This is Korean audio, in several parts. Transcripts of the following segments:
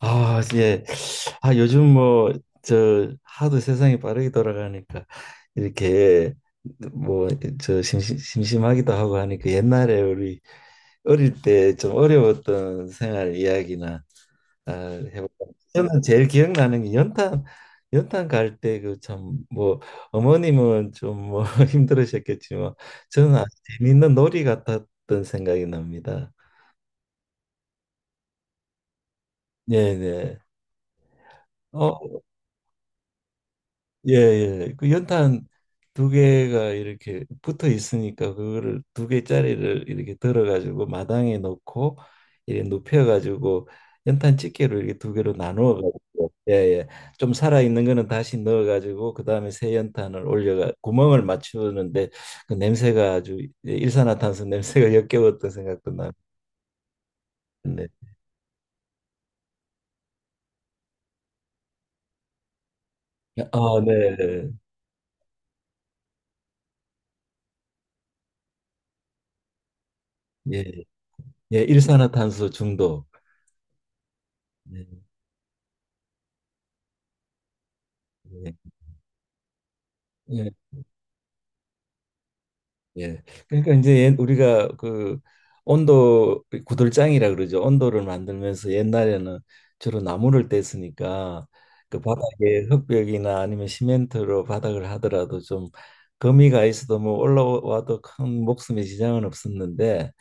아, 예. 아, 요즘 뭐, 저, 하도 세상이 빠르게 돌아가니까, 이렇게, 뭐, 저, 심심하기도 하고 하니까, 옛날에 우리 어릴 때 좀 어려웠던 생활 이야기나, 아, 해볼까. 저는 제일 기억나는 게 연탄 갈 때 그 참, 뭐, 어머님은 좀 뭐 힘들으셨겠지만, 저는 아주 재밌는 놀이 같았던 생각이 납니다. 네네. 어, 예, 예. 그 연탄 두 개가 이렇게 붙어 있으니까 그거를 두 개짜리를 이렇게 들어 가지고 마당에 놓고 이렇게 눕혀 가지고 연탄 집게로 이렇게 두 개로 나누어 가지고 예, 예. 좀 살아 있는 거는 다시 넣어 가지고 그다음에 새 연탄을 올려가 구멍을 맞추는데 그 냄새가 아주 예, 일산화탄소 냄새가 역겨웠던 생각도 나고. 네. 아, 네. 예. 예, 일산화탄소 중독. 네. 예. 예. 예. 그러니까 이제 우리가 그 온도 구들장이라 그러죠. 온도를 만들면서 옛날에는 주로 나무를 뗐으니까 그 바닥에 흙벽이나 아니면 시멘트로 바닥을 하더라도 좀 거미가 있어도 뭐 올라와도 큰 목숨에 지장은 없었는데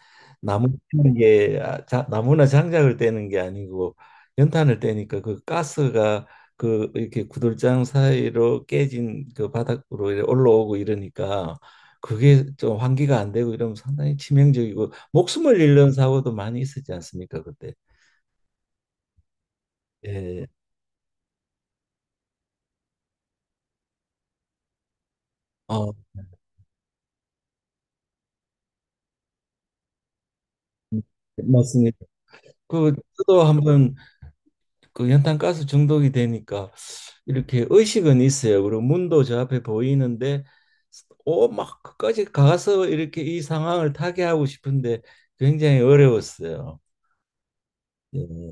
나무 떼는 게 아, 자, 나무나 장작을 떼는 게 아니고 연탄을 떼니까 그 가스가 그 이렇게 구들장 사이로 깨진 그 바닥으로 이렇게 올라오고 이러니까 그게 좀 환기가 안 되고 이러면 상당히 치명적이고 목숨을 잃는 사고도 많이 있었지 않습니까, 그때. 예. 어, 맞습니다. 그 저도 한번 그 연탄가스 중독이 되니까 이렇게 의식은 있어요. 그리고 문도 저 앞에 보이는데 오막 끝까지 가서 이렇게 이 상황을 타개하고 싶은데 굉장히 어려웠어요. 예.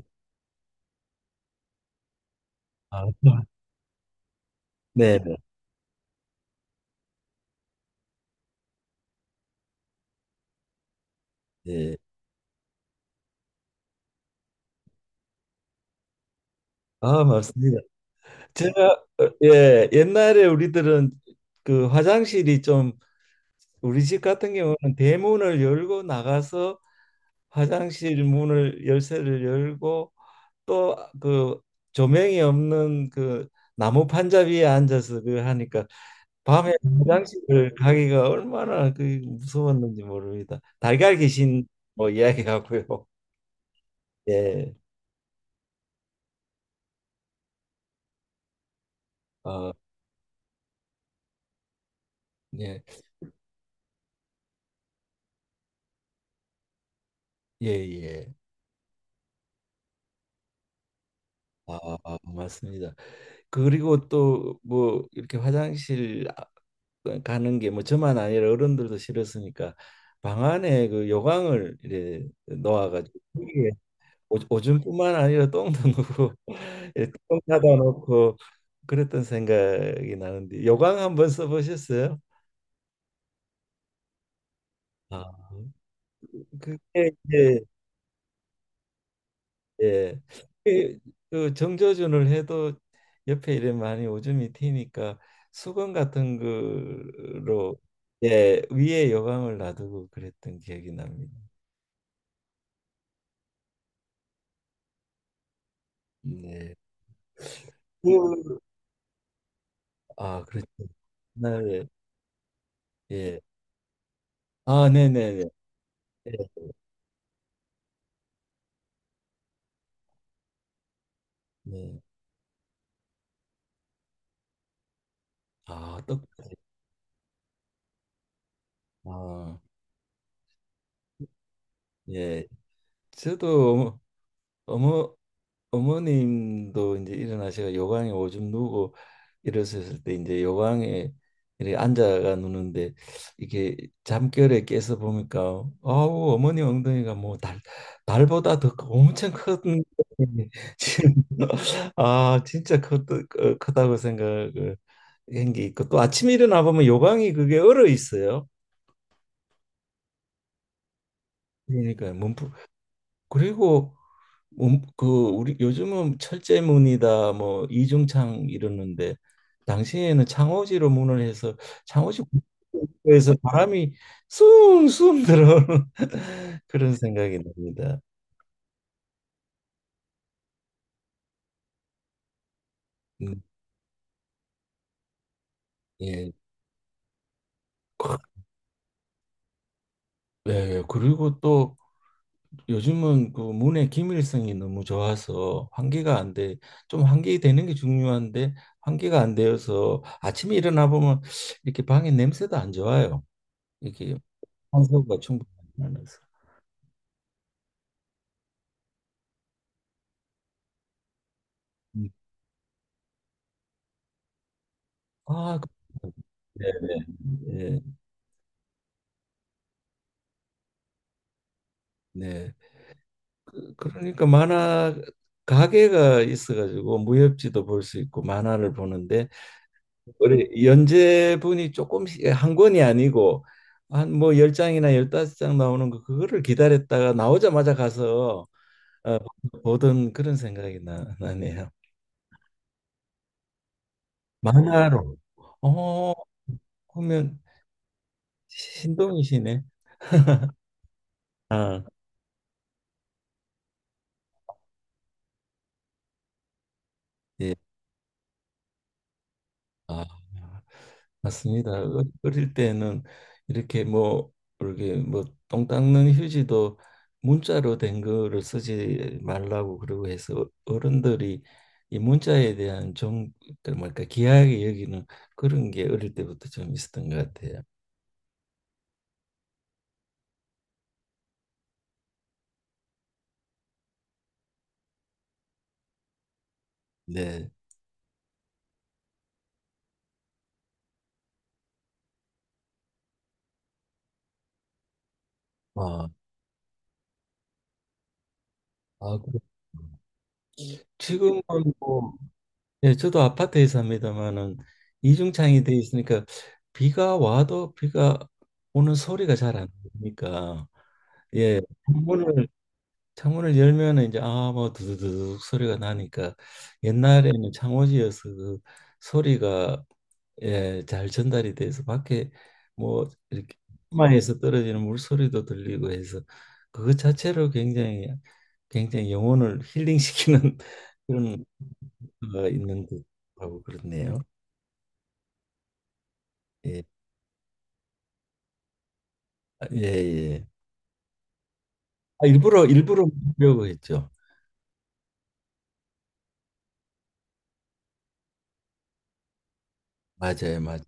아, 네. 네. 예. 아, 맞습니다. 제가 예, 옛날에 우리들은 그 화장실이 좀 우리 집 같은 경우는 대문을 열고 나가서 화장실 문을 열쇠를 열고 또 그 조명이 없는 그 나무 판자 위에 앉아서 그 하니까 밤에 화장실을 가기가 얼마나 그 무서웠는지 모릅니다. 달걀 귀신 뭐 이야기하고요. 예. 어, 예. 예, 예. 아, 맞습니다. 그리고 또 뭐 이렇게 화장실 가는 게 뭐 저만 아니라 어른들도 싫었으니까 방 안에 그 요강을 이렇게 놓아가지고 거기에 오줌뿐만 아니라 똥도 넣고 이렇게 똥 사다 놓고 그랬던 생각이 나는데, 요강 한번 써보셨어요? 아, 그게 이제 예. 그, 그 정조준을 해도 옆에 이래 많이 오줌이 튀니까 수건 같은 거로 예, 위에 여광을 놔두고 그랬던 기억이 납니다. 네. 그, 아, 그렇죠. 네, 예. 아, 네네네. 예, 네. 아, 떡. 아, 예. 저도 어머 어머님도 이제 일어나셔가 요강에 오줌 누고 일어섰을 때 이제 요강에 이렇게 앉아가 누는데 이게 잠결에 깨서 보니까, 아우, 어머니 엉덩이가 뭐 달 달보다 더 엄청 큰 엉덩이. 지금 아 진짜 크다고 생각을 한 게 있고, 또 아침에 일어나 보면 요강이 그게 얼어 있어요. 그러니까 문풍. 그리고 그 우리 요즘은 철제문이다 뭐 이중창 이러는데 당시에는 창호지로 문을 해서 창호지 에서 바람이 숭숭 들어오는 그런 생각이 납니다. 음, 예. 그- 예, 그리고 또 요즘은 그 문의 기밀성이 너무 좋아서 환기가 안 돼. 좀 환기되는 게 중요한데 환기가 안 되어서 아침에 일어나 보면 이렇게 방에 냄새도 안 좋아요. 이렇게 환소가 충분하지 않아서. 음. 아, 네네. 예, 네. 그러니까 만화 가게가 있어가지고 무협지도 볼 수 있고 만화를 보는데 우리 연재분이 조금씩 예, 한 권이 아니고 한 뭐 열장이나 열다섯 장 나오는 거, 그거를 기다렸다가 나오자마자 가서 어, 보던 그런 생각이 나네요. 만화로. 어, 그러면 신동이시네. 아, 예. 아, 맞습니다. 어릴 때는 이렇게 뭐 이렇게 뭐 똥 닦는 휴지도 문자로 된 거를 쓰지 말라고 그러고 해서 어른들이 이 문자에 대한 좀 뭐랄까 귀하게 여기는 그런 게 어릴 때부터 좀 있었던 것 같아요. 네. 아, 그 지금은 뭐 예, 저도 아파트에 삽니다만은 이중창이 돼 있으니까 비가 와도 비가 오는 소리가 잘 안 들리니까 예. 문을 창문을 열면은 이제 아뭐 두두두둑 소리가 나니까 옛날에는 창호지여서 그 소리가 예, 잘 전달이 돼서 밖에 뭐 이렇게 마에서 떨어지는 물소리도 들리고 해서 그것 자체로 굉장히 굉장히 영혼을 힐링시키는 그런 가 있는 듯하고 그렇네요. 예, 아, 예, 예. 아, 일부러 일부러 보려고 했죠. 맞아요, 맞아요.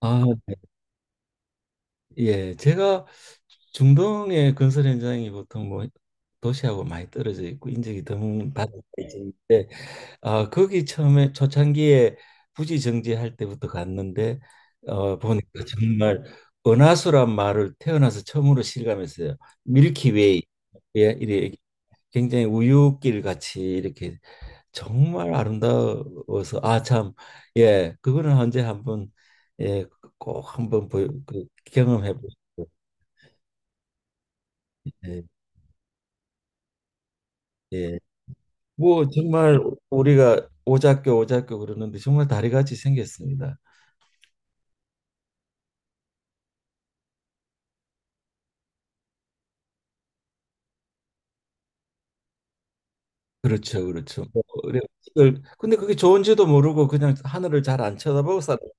아, 예. 제가 중동의 건설 현장이 보통 뭐 도시하고 많이 떨어져 있고 인적이 드문 바다인데 아, 거기 처음에 초창기에 부지 정지할 때부터 갔는데 보니까 정말 은하수란 말을 태어나서 처음으로 실감했어요. 밀키웨이, 예, 이렇게 굉장히 우유길 같이 이렇게 정말 아름다워서 아 참 예 그거는 언제 한번 예꼭 한번 경험해 보시고. 예, 예. 뭐 정말 우리가 오작교 오작교 그러는데 정말 다리같이 생겼습니다. 그렇죠, 그렇죠. 뭐, 그래, 근데 그게 좋은지도 모르고 그냥 하늘을 잘 안 쳐다보고 살았어요.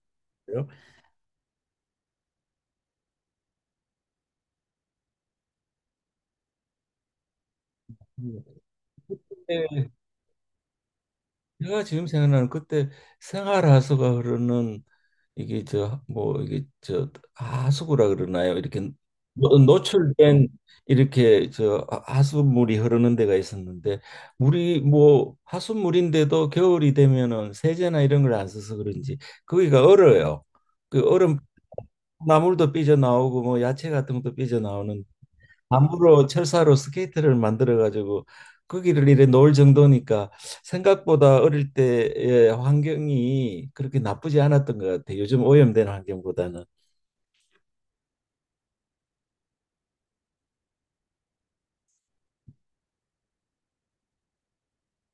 음. 예. 내가 지금 생각나는 그때 생활하수가 흐르는, 이게 저 뭐 이게 저 하수구라 그러나요? 이렇게 노출된, 이렇게 저 하수물이 흐르는 데가 있었는데 물이 뭐 하수물인데도 겨울이 되면은 세제나 이런 걸 안 써서 그런지 거기가 얼어요. 그 얼음 나물도 삐져 나오고 뭐 야채 같은 것도 삐져. 나무로 철사로 스케이트를 만들어 가지고 거기를 이래 놓을 정도니까 생각보다 어릴 때의 환경이 그렇게 나쁘지 않았던 것 같아요. 요즘 오염된 환경보다는.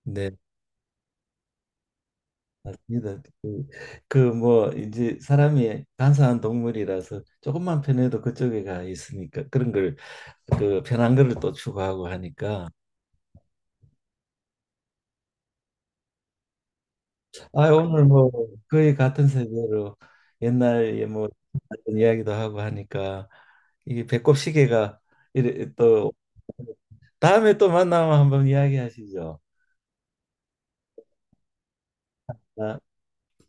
네, 맞습니다. 뭐 이제 사람이 간사한 동물이라서 조금만 편해도 그쪽에 가 있으니까 그런 걸, 그 편한 거를 또 추구하고 하니까. 아, 오늘 뭐 거의 같은 세대로 옛날에 뭐 이야기도 하고 하니까 이게 배꼽 시계가 이래 또, 다음에 또 만나면 한번 이야기하시죠. 아,